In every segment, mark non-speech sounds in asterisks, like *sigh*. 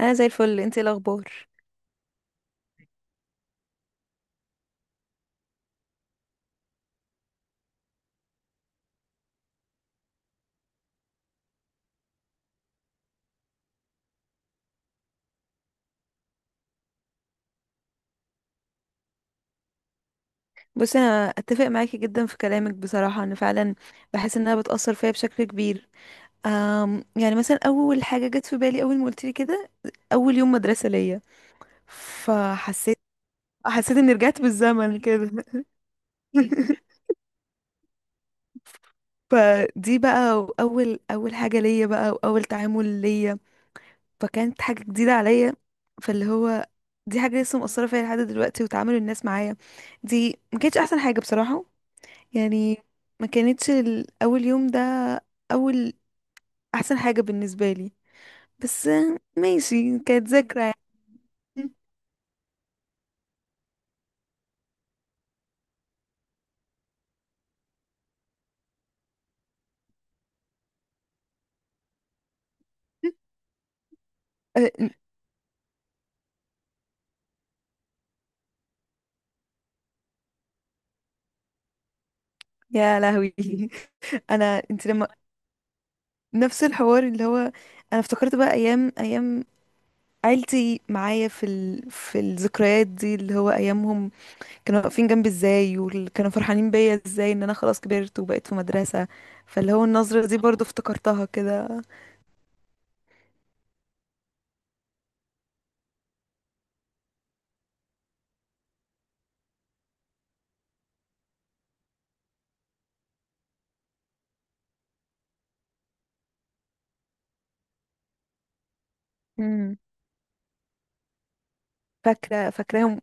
انا زي الفل. انتي إيه الاخبار؟ بصي، انا اتفق معاكي جدا في كلامك. بصراحه، انا فعلا بحس انها بتاثر فيا بشكل كبير. يعني مثلا اول حاجه جت في بالي اول ما قلت لي كده، اول يوم مدرسه ليا. فحسيت اني رجعت بالزمن كده. *laughs* فدي بقى اول حاجه ليا بقى، واول تعامل ليا، فكانت حاجه جديده عليا. فاللي هو دي حاجه لسه مؤثره فيا لحد دلوقتي، وتعامل الناس معايا دي ما كانتش احسن حاجه بصراحه. يعني ما كانتش اول يوم ده اول احسن حاجة بالنسبة لي. بس ماشي، كانت ذكرى يعني. *laughs* يا لهوي! *laughs* انت لما نفس الحوار اللي هو، انا افتكرت بقى ايام عيلتي معايا في الذكريات دي، اللي هو ايامهم كانوا واقفين جنبي ازاي، وكانوا فرحانين بيا ازاي ان انا خلاص كبرت وبقيت في مدرسة. فاللي هو النظرة دي برضو افتكرتها كده. مم. فاكرة فاكراهم.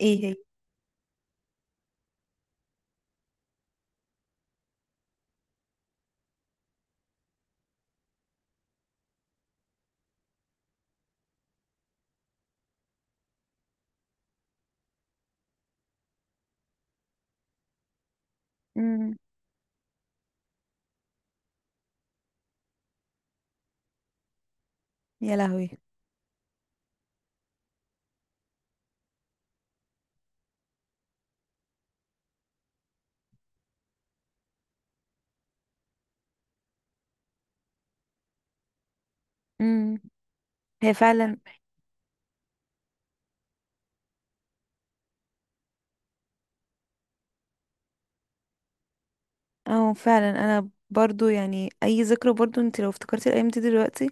ايه. هي. يا لهوي. امم. هي فعلا. اه فعلا، انا برضو يعني اي ذكرى، برضو انت لو افتكرتي الايام دي دلوقتي،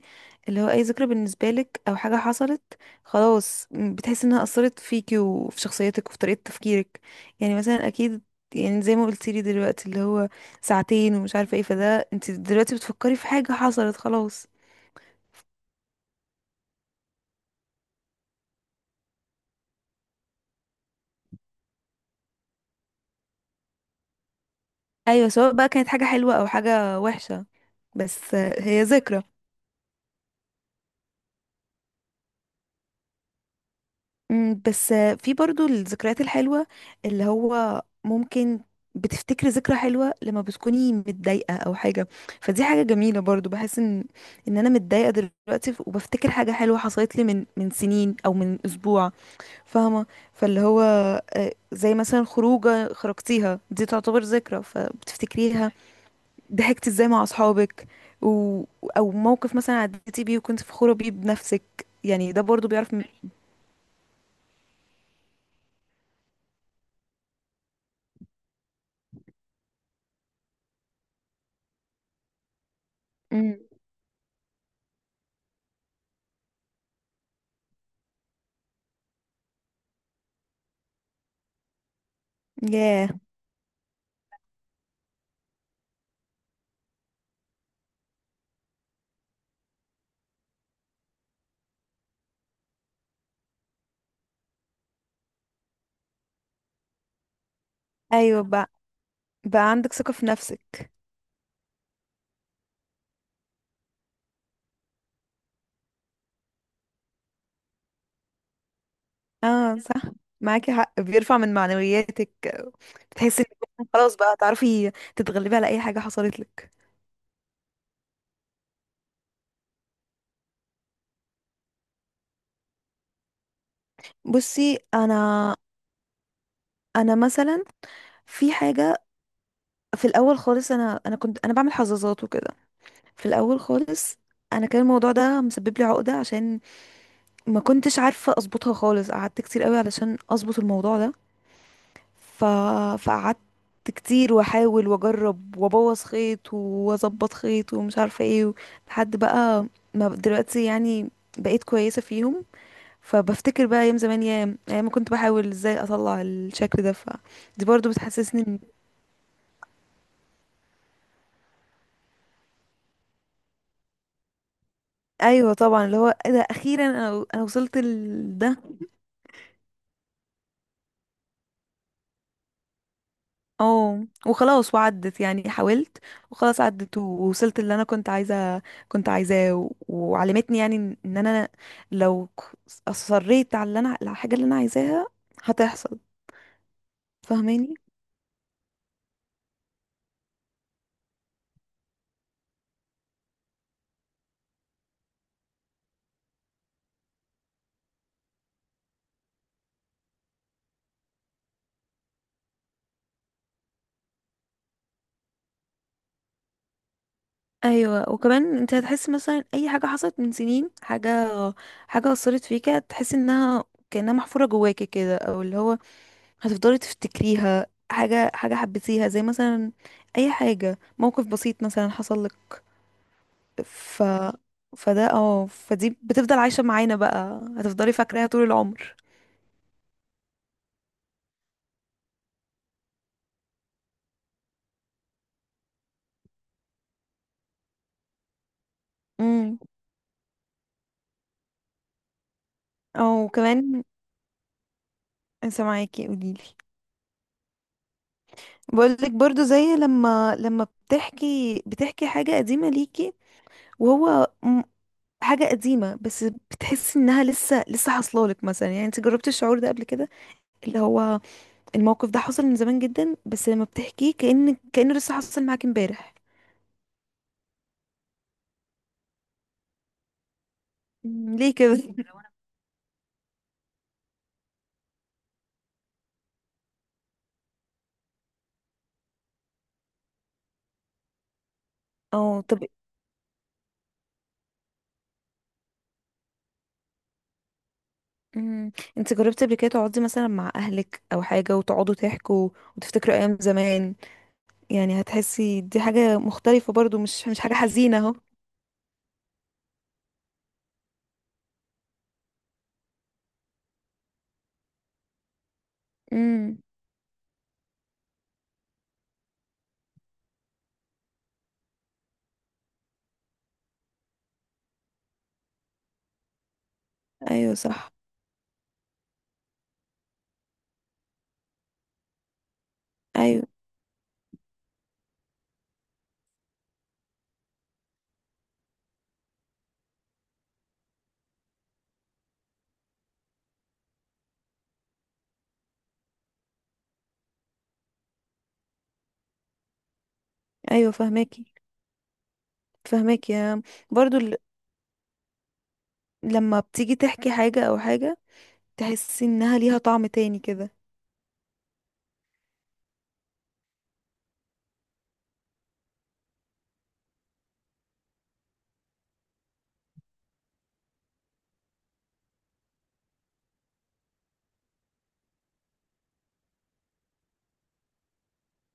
اللي هو اي ذكرى بالنسبه لك او حاجه حصلت خلاص، بتحسي انها اثرت فيكي وفي شخصيتك وفي طريقه تفكيرك. يعني مثلا اكيد، يعني زي ما قلتي لي دلوقتي اللي هو ساعتين ومش عارفه ايه، فده انت دلوقتي بتفكري في حاجه حصلت خلاص. ايوه، سواء بقى كانت حاجه حلوه او حاجه وحشه. بس هي ذكرى. بس في برضو الذكريات الحلوة اللي هو ممكن بتفتكري ذكرى حلوة لما بتكوني متضايقة أو حاجة. فدي حاجة جميلة برضو، بحس إن أنا متضايقة دلوقتي، وبفتكر حاجة حلوة حصلت لي من سنين أو من أسبوع. فاهمة؟ فاللي هو زي مثلا خروجة خرجتيها دي تعتبر ذكرى فبتفتكريها، ضحكتي ازاي مع أصحابك و... أو موقف مثلا عديتي بيه وكنت فخورة بيه بنفسك. يعني ده برضو بيعرف مم. ياه. ايوه بقى. بقى عندك ثقة في نفسك. اه صح، معاكي حق بيرفع من معنوياتك. بتحسي انك خلاص بقى تعرفي تتغلبي على اي حاجة حصلت لك. بصي، انا، انا مثلا في حاجة، في الاول خالص انا كنت انا بعمل حظاظات وكده في الاول خالص. انا كان الموضوع ده مسبب لي عقدة عشان ما كنتش عارفة اظبطها خالص. قعدت كتير قوي علشان اظبط الموضوع ده، ف... فقعدت كتير واحاول واجرب وابوظ خيط واظبط خيط ومش عارفه ايه لحد بقى ما ب- دلوقتي يعني بقيت كويسه فيهم. فبفتكر بقى ايام زمان، يا ايام ما كنت بحاول ازاي اطلع الشكل ده، فدي برضو بتحسسني ايوه طبعا، اللي هو ايه ده، اخيرا انا وصلت لده. اه وخلاص وعدت يعني، حاولت وخلاص عدت ووصلت اللي انا كنت عايزاه وعلمتني يعني إن انا لو اصريت على اللي انا على الحاجه اللي انا عايزاها هتحصل. فاهماني. ايوه، وكمان انت هتحس مثلا اي حاجه حصلت من سنين، حاجه اثرت فيك، هتحس انها كانها محفوره جواكي كده، او اللي هو هتفضلي تفتكريها. حاجه حبيتيها، زي مثلا اي حاجه، موقف بسيط مثلا حصل لك. ف فده اه فدي بتفضل عايشة معانا بقى، هتفضلي فاكراها طول العمر. امم. او كمان. سامعاكي، قوليلي. بقولك برضو، زي لما بتحكي حاجة قديمة ليكي وهو م- حاجة قديمة، بس بتحسي انها لسه حصلالك مثلا. يعني انت جربتي الشعور ده قبل كده، اللي هو الموقف ده حصل من زمان جدا، بس لما بتحكيه كأنه لسه حصل معاكي امبارح. مم، ليه كده؟ *laughs* اه طب. امم. انت جربتي قبل كده تقعدي مثلا مع اهلك او حاجه، وتقعدوا تحكوا وتفتكروا ايام زمان؟ يعني هتحسي دي حاجه مختلفه برضو، مش حاجه حزينه اهو. امم. ايوه صح. ايوه. ايوه فهماكي. فهماكي، برضو لما بتيجي تحكي حاجه او حاجه، تحسي انها ليها طعم تاني كده.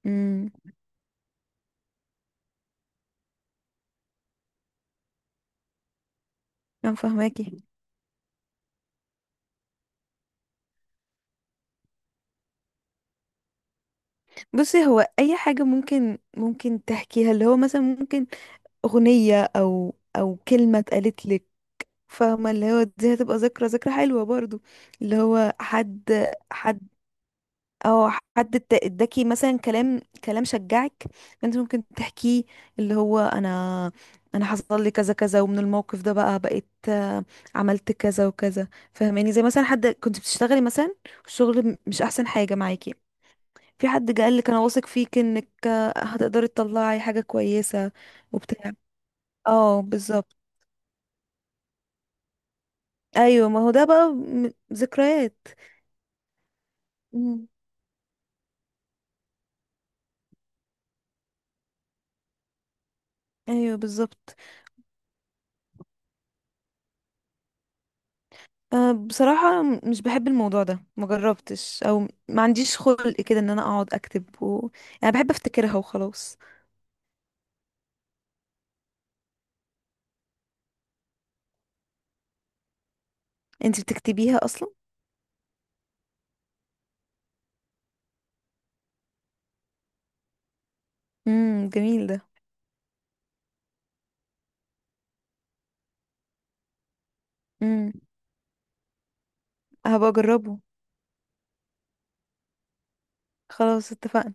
امم. انا فهماكي. بصي، هو اي حاجه ممكن تحكيها، اللي هو مثلا ممكن اغنيه او كلمه اتقالت لك، فاهمة؟ اللي هو دي هتبقى ذكرى حلوة برضو. اللي هو حد او حد اداكي مثلا كلام شجعك، انت ممكن تحكيه، اللي هو انا حصل لي كذا كذا، ومن الموقف ده بقى بقيت عملت كذا وكذا. فاهماني؟ زي مثلا حد كنت بتشتغلي مثلا، الشغل مش احسن حاجة معاكي، في حد قال لك انا واثق فيك انك هتقدري تطلعي حاجة كويسة وبتاع. اه بالظبط. ايوه، ما هو ده بقى ذكريات. ايوه بالظبط. أه بصراحة، مش بحب الموضوع ده، مجربتش. او ما عنديش خلق كده ان انا اقعد اكتب يعني بحب افتكرها وخلاص. انت بتكتبيها اصلا؟ امم، جميل ده. امم. هبقى اجربه. خلاص اتفقنا.